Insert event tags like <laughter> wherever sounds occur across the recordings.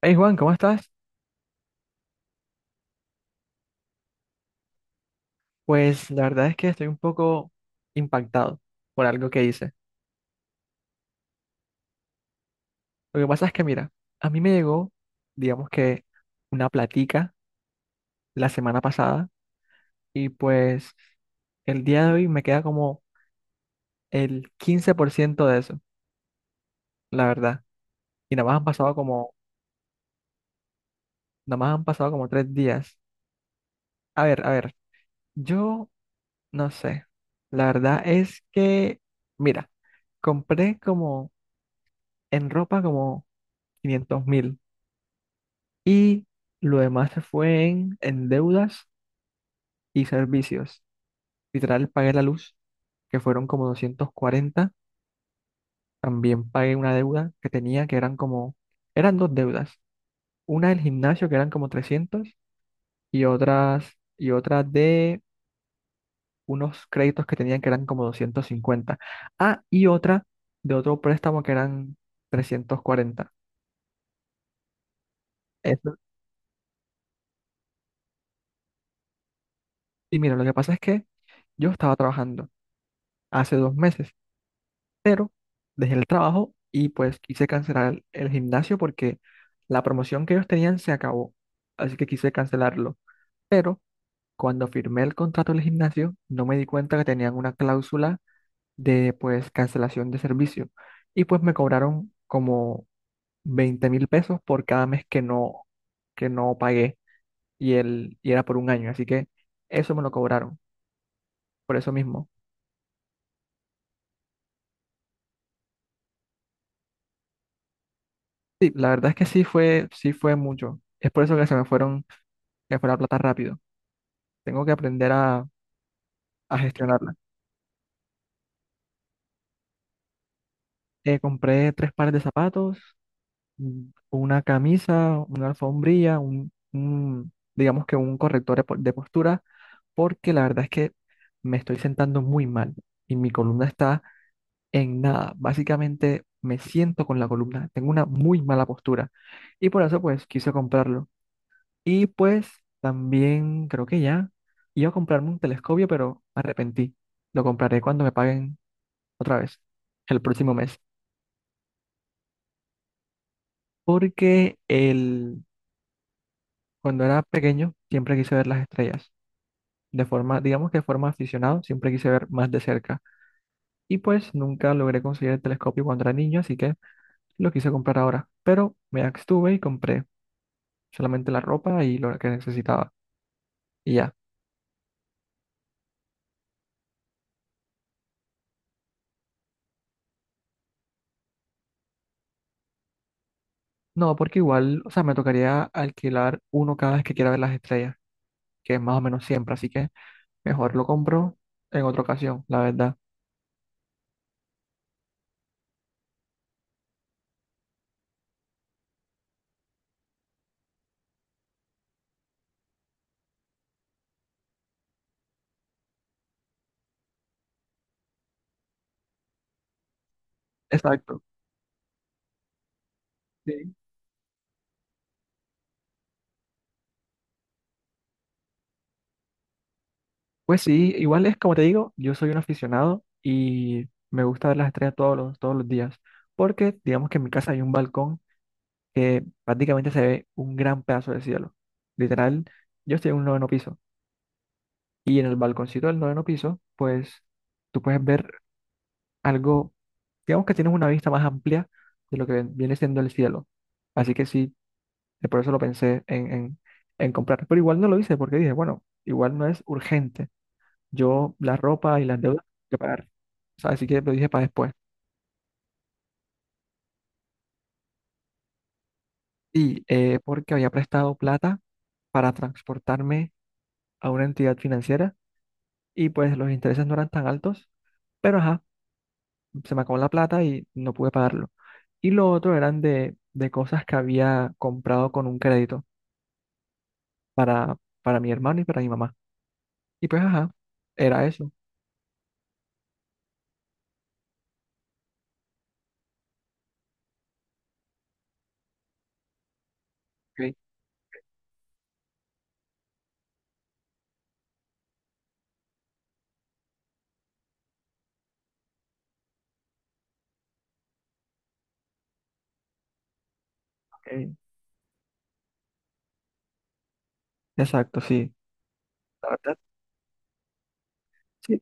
Hey Juan, ¿cómo estás? Pues la verdad es que estoy un poco impactado por algo que hice. Lo que pasa es que, mira, a mí me llegó, digamos que, una platica la semana pasada y pues el día de hoy me queda como el 15% de eso, la verdad. Y nada más han pasado como, nada más han pasado como 3 días. A ver, yo no sé. La verdad es que, mira, compré como en ropa como 500.000. Y lo demás se fue en deudas y servicios. Literal, pagué la luz, que fueron como 240. También pagué una deuda que tenía, eran dos deudas. Una del gimnasio, que eran como 300, y otras, y otra de unos créditos que tenían, que eran como 250. Ah, y otra de otro préstamo, que eran 340. Eso- Y mira, lo que pasa es que yo estaba trabajando hace 2 meses, pero dejé el trabajo y pues quise cancelar el gimnasio porque la promoción que ellos tenían se acabó, así que quise cancelarlo. Pero cuando firmé el contrato del gimnasio, no me di cuenta que tenían una cláusula de pues cancelación de servicio y pues me cobraron como 20.000 pesos por cada mes que no pagué y era por un año, así que eso me lo cobraron, por eso mismo. Sí, la verdad es que sí fue mucho. Es por eso que se me fue la plata rápido. Tengo que aprender a gestionarla. Compré 3 pares de zapatos, mm, una camisa, una alfombrilla, digamos que un corrector de postura, porque la verdad es que me estoy sentando muy mal y mi columna está en nada. Básicamente me siento con la columna, tengo una muy mala postura y por eso pues quise comprarlo. Y pues también creo que ya iba a comprarme un telescopio, pero me arrepentí. Lo compraré cuando me paguen otra vez el próximo mes. Porque cuando era pequeño siempre quise ver las estrellas. De forma, digamos que de forma aficionado, siempre quise ver más de cerca. Y pues nunca logré conseguir el telescopio cuando era niño, así que lo quise comprar ahora. Pero me abstuve y compré solamente la ropa y lo que necesitaba. Y ya. No, porque igual, o sea, me tocaría alquilar uno cada vez que quiera ver las estrellas, que es más o menos siempre, así que mejor lo compro en otra ocasión, la verdad. Exacto. Sí. Pues sí, igual es como te digo, yo soy un aficionado y me gusta ver las estrellas todos los días, porque digamos que en mi casa hay un balcón que prácticamente se ve un gran pedazo de cielo. Literal, yo estoy en un noveno piso y en el balconcito del noveno piso, pues tú puedes ver algo, digamos que tienes una vista más amplia de lo que viene siendo el cielo. Así que sí, por eso lo pensé en comprar, pero igual no lo hice porque dije, bueno, igual no es urgente. Yo la ropa y las deudas que pagar. O sea, así que lo dije para después. Y porque había prestado plata para transportarme a una entidad financiera y pues los intereses no eran tan altos, pero ajá, se me acabó la plata y no pude pagarlo. Y lo otro eran de cosas que había comprado con un crédito para, para mi hermano y para mi mamá. Y pues ajá, era eso. Ok, ok. Exacto, sí. La verdad, sí.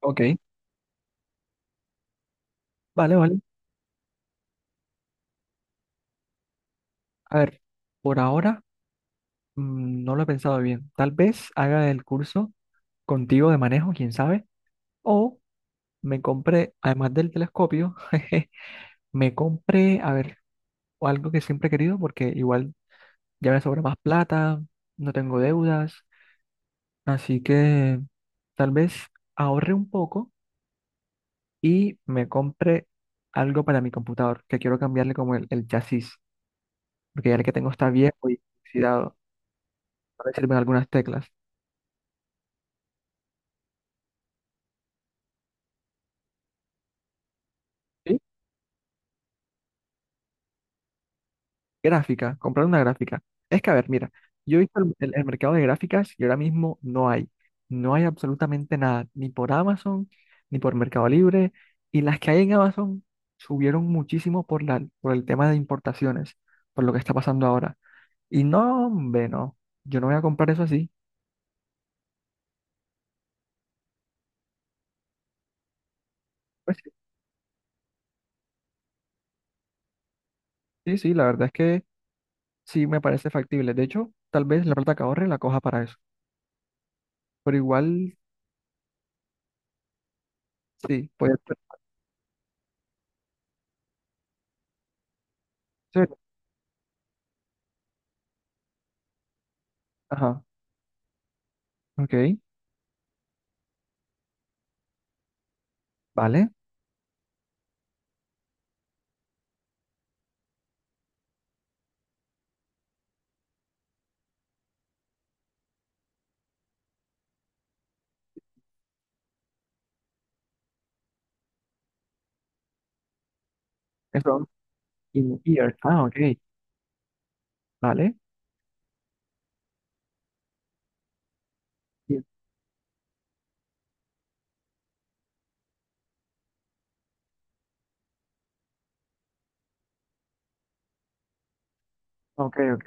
Ok, vale, vale. A ver, por ahora. Mm, no lo he pensado bien. Tal vez haga el curso contigo de manejo, quién sabe. O me compré, además del telescopio, <laughs> jeje, me compré, a ver, algo que siempre he querido porque igual ya me sobra más plata, no tengo deudas. Así que tal vez ahorre un poco y me compre algo para mi computador, que quiero cambiarle como el chasis, porque ya el que tengo está viejo y oxidado. A ver si sirven algunas teclas. Sí, gráfica, comprar una gráfica. Es que, a ver, mira, yo he visto el mercado de gráficas y ahora mismo no hay. No hay absolutamente nada, ni por Amazon, ni por Mercado Libre. Y las que hay en Amazon subieron muchísimo por por el tema de importaciones, por lo que está pasando ahora. Y no, hombre, no, yo no voy a comprar eso así. Pues sí, sí, sí, la verdad es que sí me parece factible. De hecho, tal vez la plata que ahorre la coja para eso. Pero igual, sí, puede ser. Sí, ajá, ok, vale. Eso in ear. Ah, ok. Vale. Y- Ok, ok.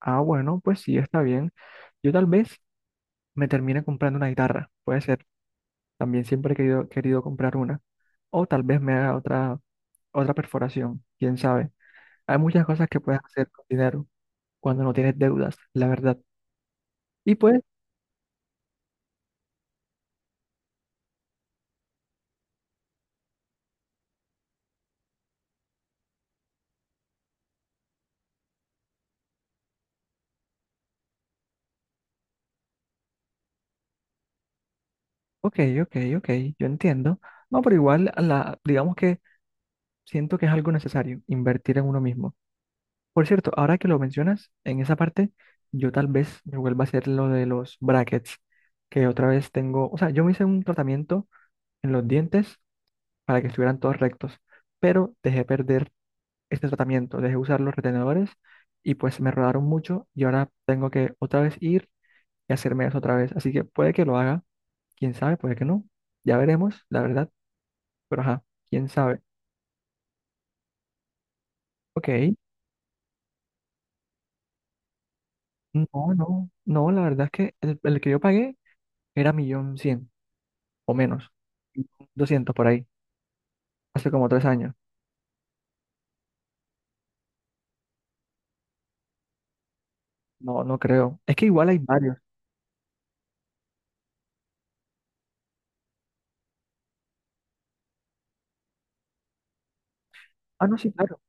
Ah, bueno, pues sí, está bien. Yo tal vez me termine comprando una guitarra. Puede ser. También siempre he querido comprar una. O tal vez me haga otra perforación. Quién sabe. Hay muchas cosas que puedes hacer con dinero cuando no tienes deudas, la verdad. Y pues, ok, ok, ok. Yo entiendo. No, pero igual, digamos que siento que es algo necesario, invertir en uno mismo. Por cierto, ahora que lo mencionas, en esa parte, yo tal vez me vuelva a hacer lo de los brackets, que otra vez tengo, o sea, yo me hice un tratamiento en los dientes para que estuvieran todos rectos, pero dejé perder este tratamiento, dejé usar los retenedores y pues me rodaron mucho y ahora tengo que otra vez ir y hacerme eso otra vez. Así que puede que lo haga, quién sabe, puede que no, ya veremos, la verdad, pero ajá, quién sabe. Ok, no, no, no, la verdad es que el que yo pagué era 1.100.000, o menos, 200 por ahí, hace como 3 años. No, no creo. Es que igual hay varios. Ah, no, sí, claro.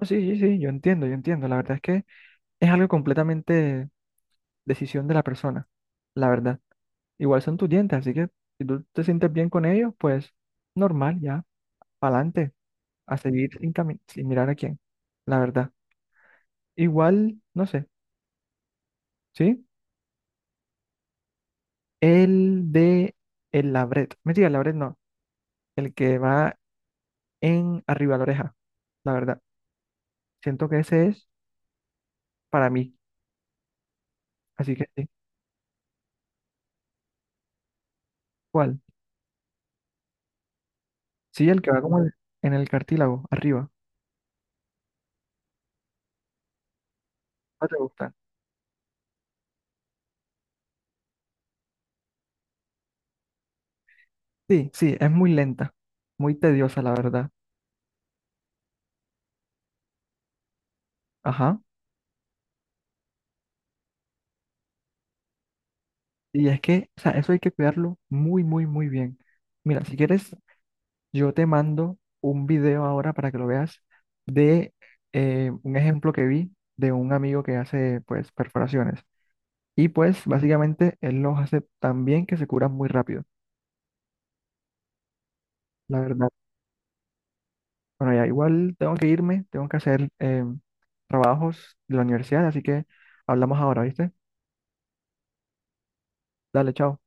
No, sí, sí, sí, yo entiendo, yo entiendo. La verdad es que es algo completamente decisión de la persona, la verdad. Igual son tus dientes, así que si tú te sientes bien con ellos, pues normal, ya, para adelante, a seguir sin mirar a quién, la verdad. Igual, no sé, ¿sí? El de el labret. Mentira, el labret no. El que va en arriba de la oreja, la verdad. Siento que ese es para mí. Así que sí. ¿Cuál? Sí, el que va como en el cartílago, arriba. ¿No te gusta? Sí, sí, es muy lenta, muy tediosa, la verdad. Ajá. Y es que, o sea, eso hay que cuidarlo muy, muy, muy bien. Mira, si quieres, yo te mando un video ahora para que lo veas de un ejemplo que vi de un amigo que hace, pues, perforaciones. Y pues, básicamente, él los hace tan bien que se curan muy rápido. La verdad. Bueno, ya igual tengo que irme, tengo que hacer em, trabajos de la universidad, así que hablamos ahora, ¿viste? Dale, chao.